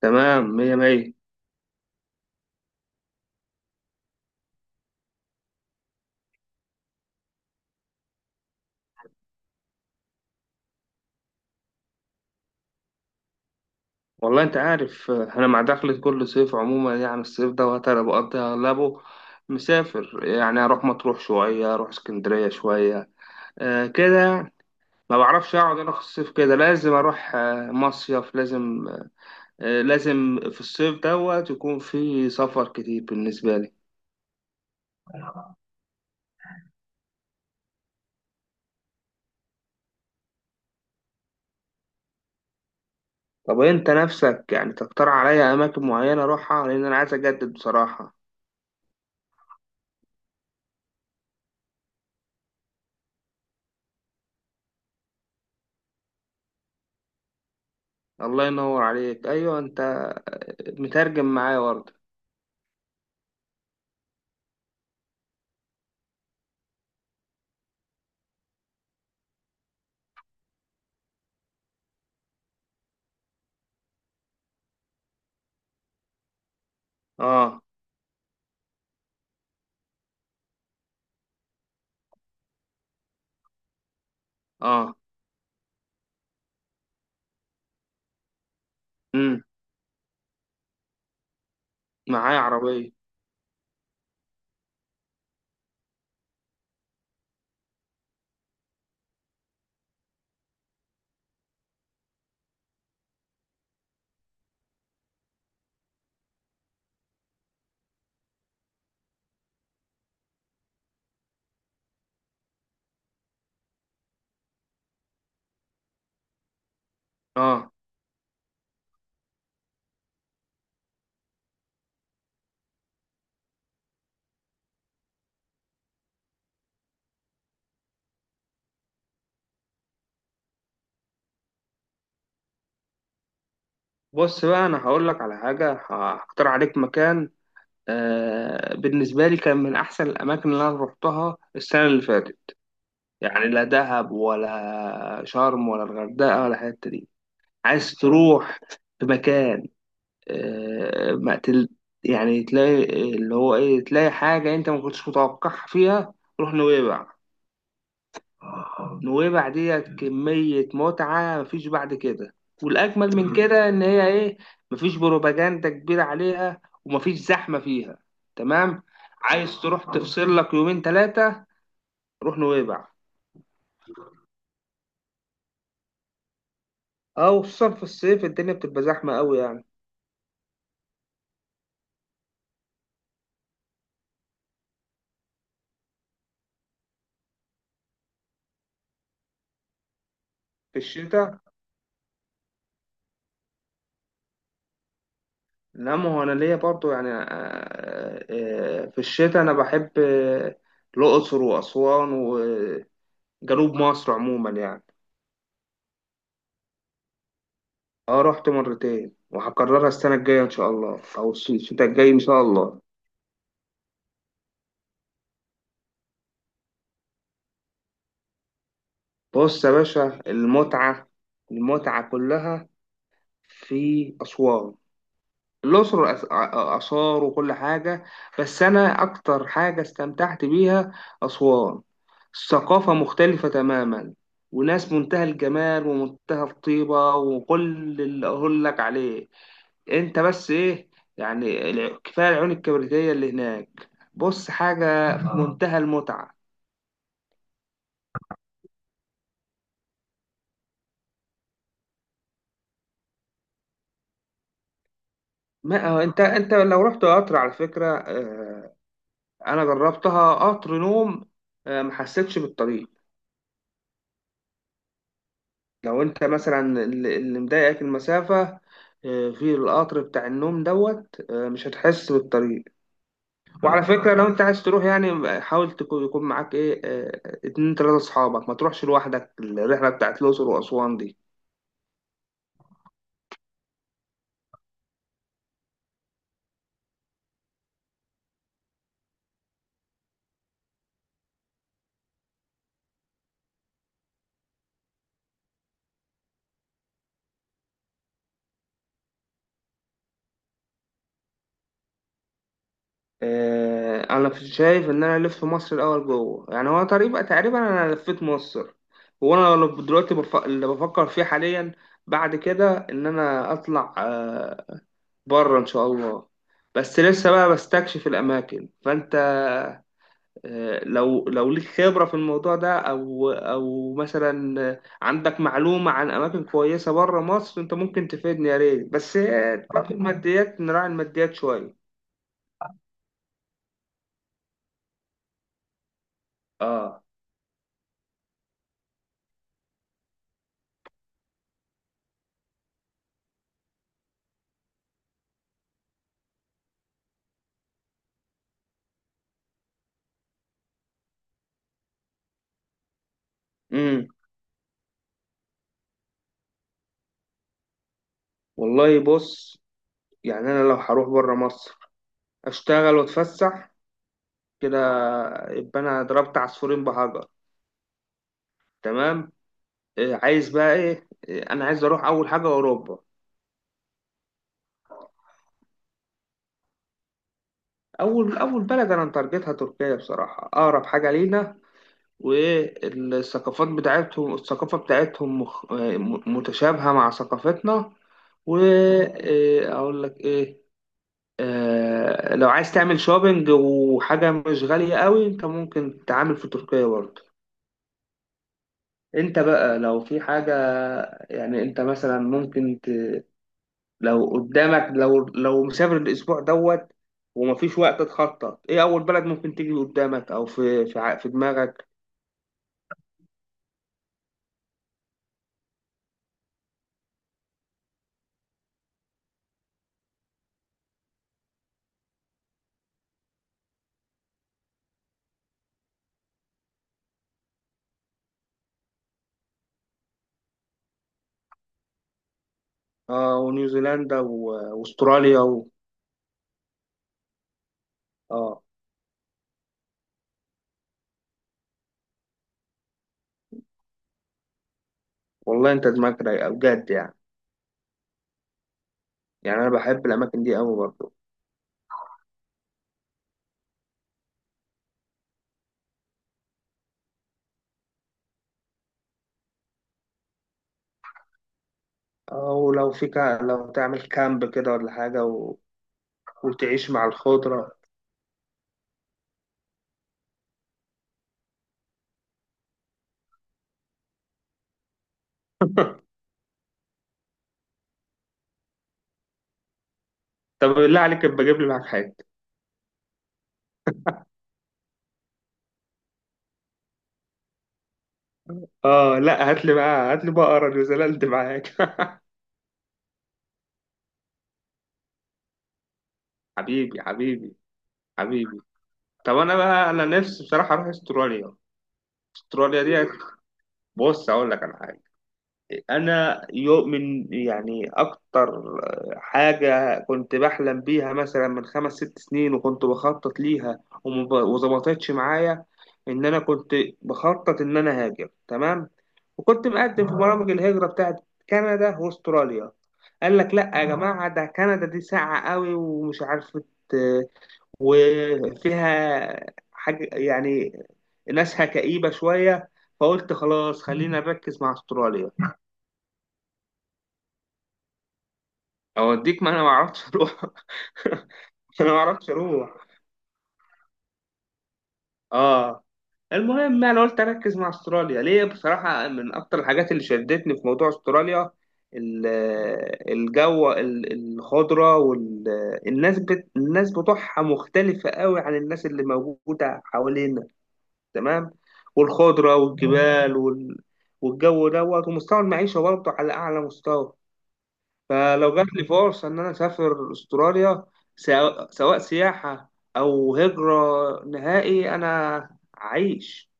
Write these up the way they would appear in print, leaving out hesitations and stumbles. تمام، مية مية. والله انت عارف، انا مع دخلة كل صيف عموما، يعني الصيف دوت انا بقضي اغلبه مسافر، يعني اروح مطروح شوية، اروح اسكندرية شوية. آه كده. ما بعرفش اقعد انا في الصيف، كده لازم اروح مصيف لازم. لازم في الصيف دوت يكون في سفر كتير بالنسبة لي. طب انت نفسك يعني تقترح عليا اماكن معينة اروحها، لان انا عايز اجدد بصراحة. الله ينور عليك، ايوه انت مترجم معايا برضه. اه. اه، معايا عربية. اه، بص بقى، انا هقول لك على حاجة، هختار عليك مكان. بالنسبة لي كان من احسن الاماكن اللي انا روحتها السنة اللي فاتت، يعني لا دهب ولا شرم ولا الغردقة ولا الحتة دي. عايز تروح في مكان، آه ما تل يعني تلاقي، اللي هو ايه، تلاقي حاجة انت ما كنتش متوقعها فيها. روح نويبع. نويبع ديت كمية متعة مفيش بعد كده. والأجمل من كده إن هي إيه، مفيش بروباجندا كبيرة عليها ومفيش زحمة فيها. تمام. عايز تروح تفصل لك يومين تلاتة، روح نويبع. أو خصوصا في الصيف الدنيا بتبقى زحمة أوي يعني. في الشتاء. لا، ما هو أنا ليا برضو يعني، في الشتاء أنا بحب الأقصر وأسوان وجنوب مصر عموما يعني. اه، رحت مرتين، وهكررها السنة الجاية إن شاء الله، أو الشتاء الجاي إن شاء الله. بص يا باشا، المتعة، المتعة كلها في أسوان، الأقصر، آثار وكل حاجة. بس أنا أكتر حاجة استمتعت بيها أسوان. الثقافة مختلفة تماما، وناس منتهى الجمال ومنتهى الطيبة، وكل اللي أقول لك عليه، انت بس ايه، يعني كفايه العيون الكبريتيه اللي هناك. بص حاجه في منتهى المتعه. ما هو انت، انت لو رحت قطر على فكره، اه، انا جربتها قطر نوم، اه، ما حسيتش بالطريق. لو انت مثلا اللي مضايقك المسافه، اه، في القطر بتاع النوم دوت اه مش هتحس بالطريق. وعلى فكره لو انت عايز تروح، يعني حاول تكون، يكون معاك ايه، اه، اتنين تلاته اصحابك، ما تروحش لوحدك الرحله بتاعت الاقصر واسوان دي. انا شايف ان انا الف مصر الاول جوه، يعني هو تقريبا تقريبا انا لفيت مصر. وانا لو دلوقتي اللي بفكر فيه حاليا بعد كده ان انا اطلع بره ان شاء الله. بس لسه بقى بستكشف الاماكن، فانت لو ليك خبرة في الموضوع ده، او او مثلا عندك معلومة عن اماكن كويسة بره مصر، انت ممكن تفيدني يا ريت، بس آه، تكون الماديات نراعي الماديات شوية. اه. امم والله بص، يعني انا لو هروح بره مصر اشتغل واتفسح كده، يبقى انا ضربت عصفورين بحجر. تمام. إيه، عايز بقى ايه، إيه، انا عايز اروح اول حاجه اوروبا. اول اول بلد انا متارجتها تركيا بصراحه، اقرب حاجه لينا. والثقافات بتاعتهم، الثقافه بتاعتهم متشابهه مع ثقافتنا. واقول لك ايه، لو عايز تعمل شوبينج وحاجه مش غاليه قوي، انت ممكن تتعامل في تركيا برضه. انت بقى لو في حاجة، يعني انت مثلا لو قدامك، لو مسافر الاسبوع دوت، ومفيش وقت تخطط ايه اول بلد ممكن تيجي قدامك، او في دماغك. اه، ونيوزيلندا واستراليا اه، والله انت دماغك رايقة بجد يعني. يعني انا بحب الاماكن دي قوي برضو. او لو في لو تعمل كامب كده ولا حاجة وتعيش مع الخضرة. طب بالله عليك، ابقى جيب لي معاك حاجة. اه لا، هات لي بقى، هات لي بقرة نيوزيلندا معاك حبيبي، حبيبي، حبيبي. طب انا بقى، انا نفسي بصراحه اروح استراليا. استراليا دي، بص اقول لك على حاجه. انا يؤمن يعني اكتر، حاجه كنت بحلم بيها مثلا من خمس ست سنين، وكنت بخطط ليها وظبطتش معايا. ان انا كنت بخطط ان انا هاجر، تمام. وكنت مقدم في برامج الهجره بتاعت كندا واستراليا. قال لك لا يا جماعه، ده كندا دي ساقعه قوي ومش عارفه، آه، وفيها حاجة يعني، ناسها كئيبة شوية. فقلت خلاص خلينا نركز مع استراليا. اوديك، ما انا ما اعرفش اروح انا ما اعرفش اروح. اه. المهم انا قلت اركز مع استراليا ليه بصراحه، من اكتر الحاجات اللي شدتني في موضوع استراليا، ال- الجو، الخضره، والناس الناس بتوعها مختلفه قوي عن الناس اللي موجوده حوالينا. تمام. والخضرة والجبال، والجو دوت، ومستوى المعيشة برضه على أعلى مستوى. فلو جات لي فرصة إن أنا أسافر أستراليا، سواء سياحة أو هجرة نهائي، أنا أعيش.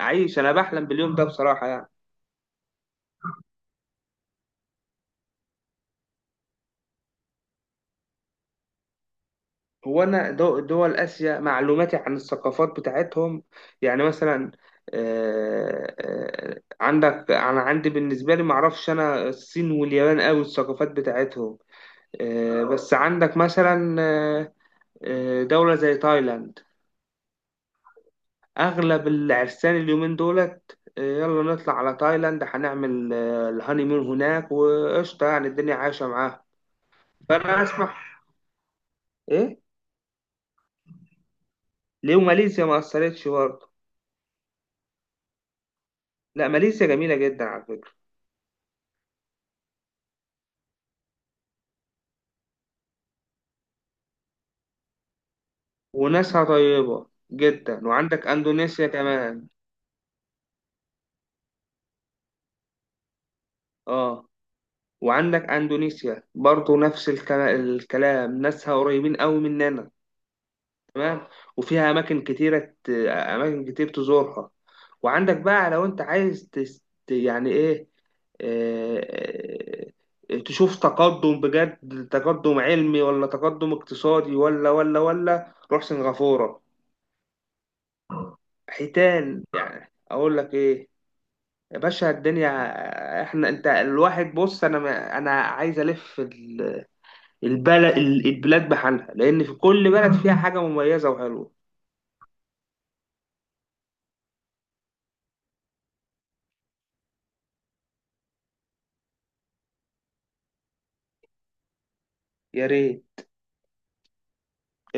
أعيش، أنا بحلم باليوم ده بصراحة يعني. هو أنا دول آسيا معلوماتي عن الثقافات بتاعتهم، يعني مثلا آه، آه، عندك أنا عندي بالنسبة لي، معرفش أنا الصين واليابان أوي الثقافات بتاعتهم. بس عندك مثلا دولة زي تايلاند. أغلب العرسان اليومين دولت يلا نطلع على تايلاند، هنعمل الهانيمون هناك، وقشطة يعني الدنيا عايشة معاها. فأنا أسمع إيه. ليه ماليزيا ما أثرتش برضه؟ لا، ماليزيا جميلة جدا على فكرة. وناسها طيبة جدا، وعندك أندونيسيا كمان. آه. وعندك أندونيسيا برضه نفس الكلام، ناسها قريبين قوي مننا. تمام. وفيها اماكن كتير تزورها. وعندك بقى لو انت عايز يعني ايه، آه، تشوف تقدم بجد، تقدم علمي ولا تقدم اقتصادي، ولا ولا ولا روح سنغافورة. حيتان، يعني اقول لك ايه، يا باشا الدنيا، احنا، انت، الواحد، بص انا انا عايز الف ال- البلد البلاد بحالها، لان في كل بلد فيها حاجة مميزة وحلوة. يا ريت.